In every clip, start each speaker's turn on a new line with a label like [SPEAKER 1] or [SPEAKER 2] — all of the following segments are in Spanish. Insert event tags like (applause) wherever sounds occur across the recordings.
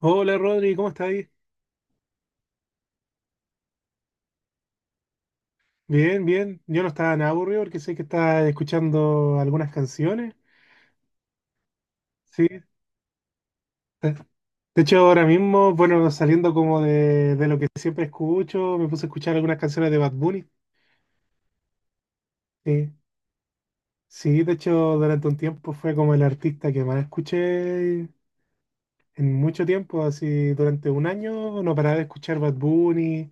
[SPEAKER 1] Hola Rodri, ¿cómo estás ahí? Bien, bien. Yo no estaba nada aburrido porque sé que estás escuchando algunas canciones. Sí. De de hecho, ahora mismo, bueno, saliendo como de lo que siempre escucho, me puse a escuchar algunas canciones de Bad Bunny. Sí. Sí, de hecho, durante un tiempo fue como el artista que más escuché en mucho tiempo, así durante un año no paraba de escuchar Bad Bunny.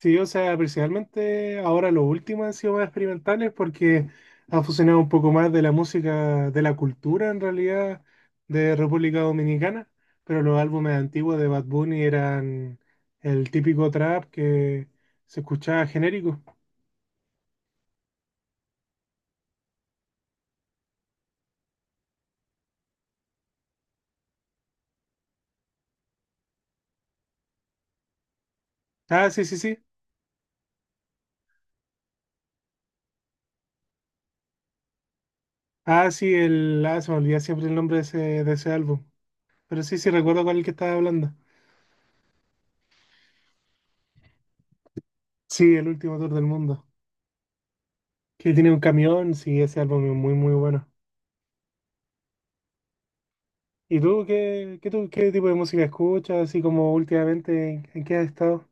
[SPEAKER 1] Sí, o sea, principalmente ahora los últimos han sido más experimentales porque ha fusionado un poco más de la música, de la cultura en realidad de República Dominicana, pero los álbumes antiguos de Bad Bunny eran el típico trap que se escuchaba genérico. Ah, sí, sí, sí. Ah, sí, el... Ah, se me olvida siempre el nombre de ese álbum. Pero sí, sí, recuerdo cuál es el que estaba hablando. Sí, el último tour del mundo. Que tiene un camión, sí, ese álbum es muy, muy bueno. ¿Y tú qué tipo de música escuchas? Así como últimamente, ¿en qué has estado?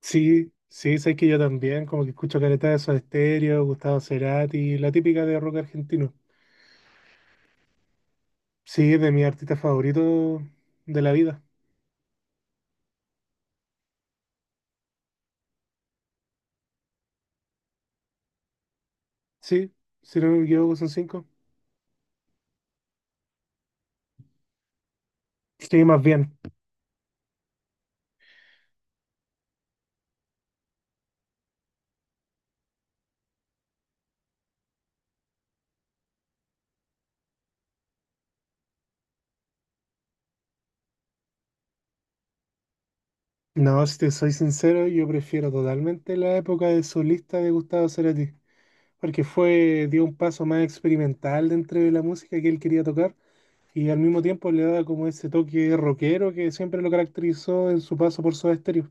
[SPEAKER 1] Sí, sí, sé que yo también, como que escucho caleta de Soda Stereo, Gustavo Cerati, la típica de rock argentino. Sí, es de mis artistas favoritos de la vida. Sí, si no me equivoco son cinco. Sí, más bien. No, si te soy sincero, yo prefiero totalmente la época de solista de Gustavo Cerati, porque fue, dio un paso más experimental dentro de la música que él quería tocar, y al mismo tiempo le daba como ese toque rockero que siempre lo caracterizó en su paso por Soda Stereo.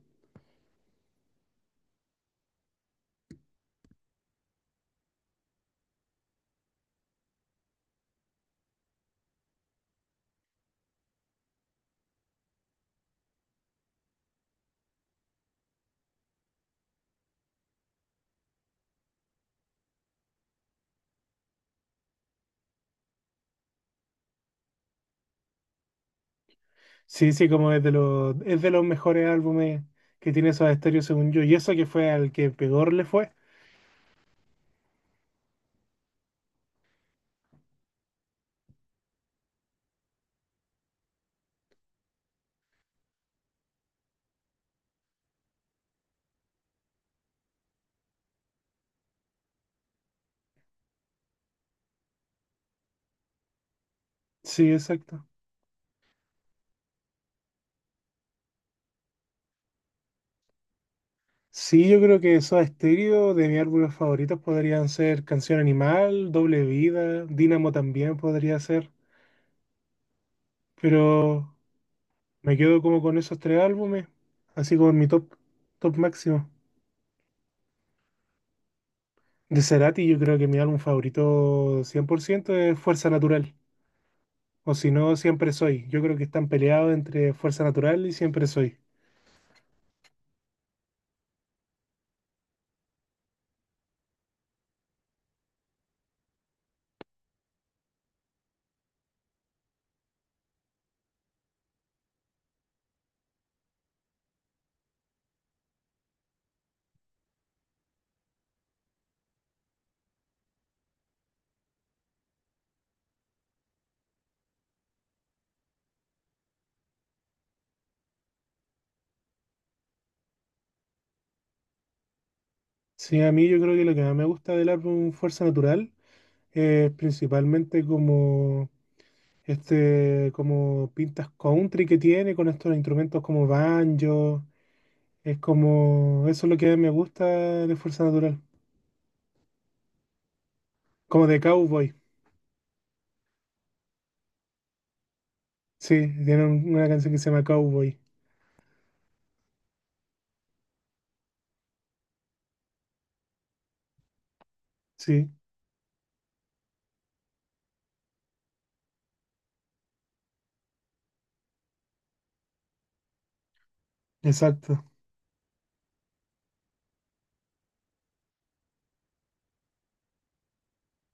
[SPEAKER 1] Sí, sí, como es de los mejores álbumes que tiene Soda Stereo según yo, y eso que fue al que peor le fue. Sí, exacto. Sí, yo creo que Soda Stereo, de mis álbumes favoritos podrían ser Canción Animal, Doble Vida, Dínamo también podría ser, pero... Me quedo como con esos tres álbumes, así como en mi top, top máximo. De Cerati, yo creo que mi álbum favorito 100% es Fuerza Natural, o si no, Siempre Soy. Yo creo que están peleados entre Fuerza Natural y Siempre Soy. Sí, a mí yo creo que lo que más me gusta del álbum Fuerza Natural es principalmente como este, como pintas country que tiene con estos instrumentos como banjo. Es como, eso es lo que me gusta de Fuerza Natural, como de cowboy. Sí, tiene una canción que se llama Cowboy. Sí, exacto.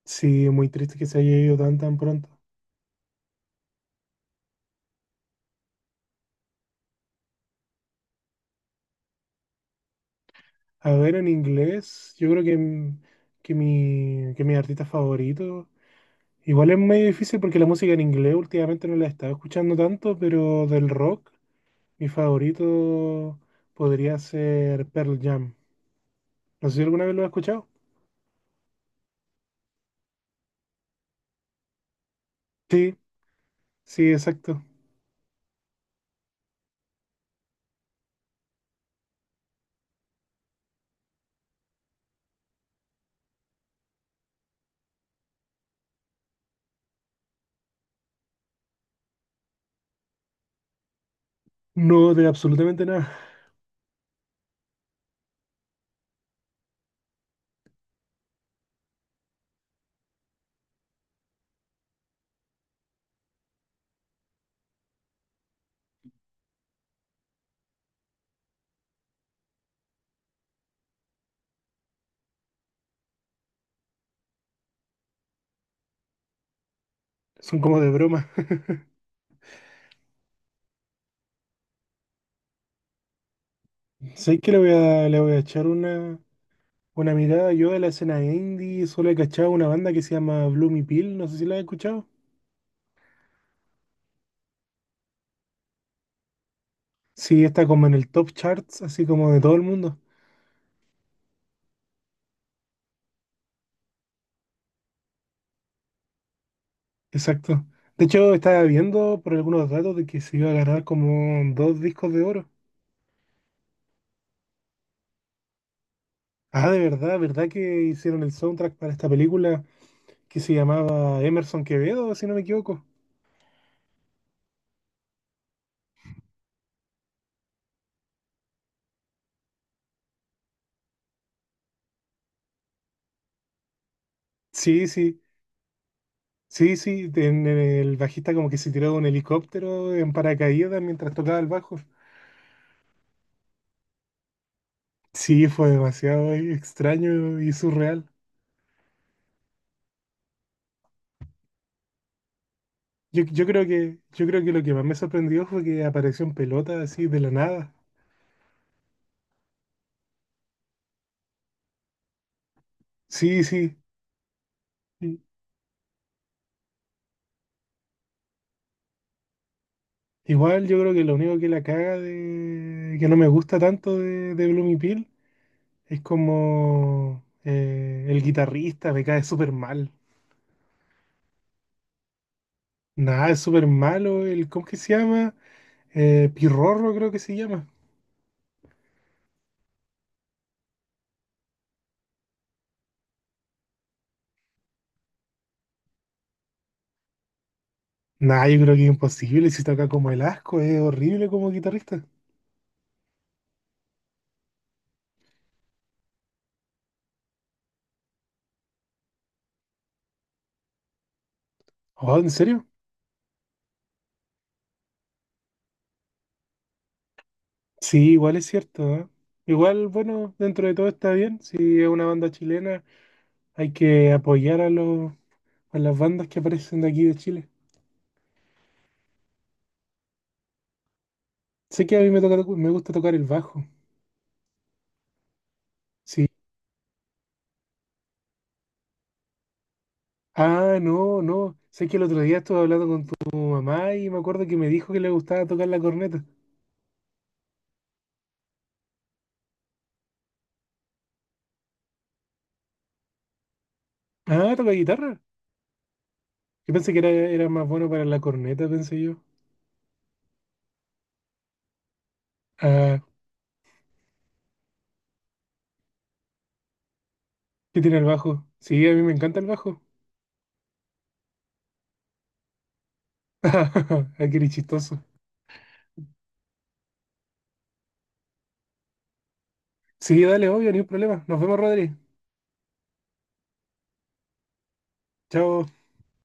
[SPEAKER 1] Sí, muy triste que se haya ido tan tan pronto. A ver, en inglés, yo creo que, que mi artista favorito. Igual es medio difícil porque la música en inglés últimamente no la he estado escuchando tanto, pero del rock, mi favorito podría ser Pearl Jam. No sé si alguna vez lo has escuchado. Sí, sí, exacto. No, de absolutamente nada. Son como de broma. (laughs) Sé que le voy a echar una mirada. Yo de la escena indie solo he cachado una banda que se llama Bloomy Pill, no sé si la has escuchado. Sí, está como en el top charts, así como de todo el mundo. Exacto. De hecho, estaba viendo por algunos datos de que se iba a ganar como dos discos de oro. Ah, de verdad, ¿verdad que hicieron el soundtrack para esta película que se llamaba Emerson Quevedo, si no me equivoco? Sí, sí, sí, sí. En el bajista como que se tiró de un helicóptero en paracaídas mientras tocaba el bajo. Sí, fue demasiado extraño y surreal. Yo, yo creo que lo que más me sorprendió fue que apareció en pelota así de la nada. Sí, sí, sí. Igual yo creo que lo único que la caga que no me gusta tanto de Bloomy Peel es como el guitarrista me cae súper mal. Nada, es súper malo. El, ¿cómo que se llama? Pirrorro creo que se llama. Nada, yo creo que es imposible. Si toca como el asco, es horrible como guitarrista. Oh, ¿en serio? Sí, igual es cierto, ¿eh? Igual, bueno, dentro de todo está bien. Si es una banda chilena, hay que apoyar a a las bandas que aparecen de aquí de Chile. Sé que a mí me toca, me gusta tocar el bajo. Sí. Ah, no, no. Sé que el otro día estuve hablando con tu mamá y me acuerdo que me dijo que le gustaba tocar la corneta. Ah, toca guitarra. Yo pensé que era, era más bueno para la corneta, pensé yo. Ah, ¿qué tiene el bajo? Sí, a mí me encanta el bajo. (laughs) Ah, qué chistoso. Sí, dale, obvio, ni un problema. Nos vemos, Rodri. Chao.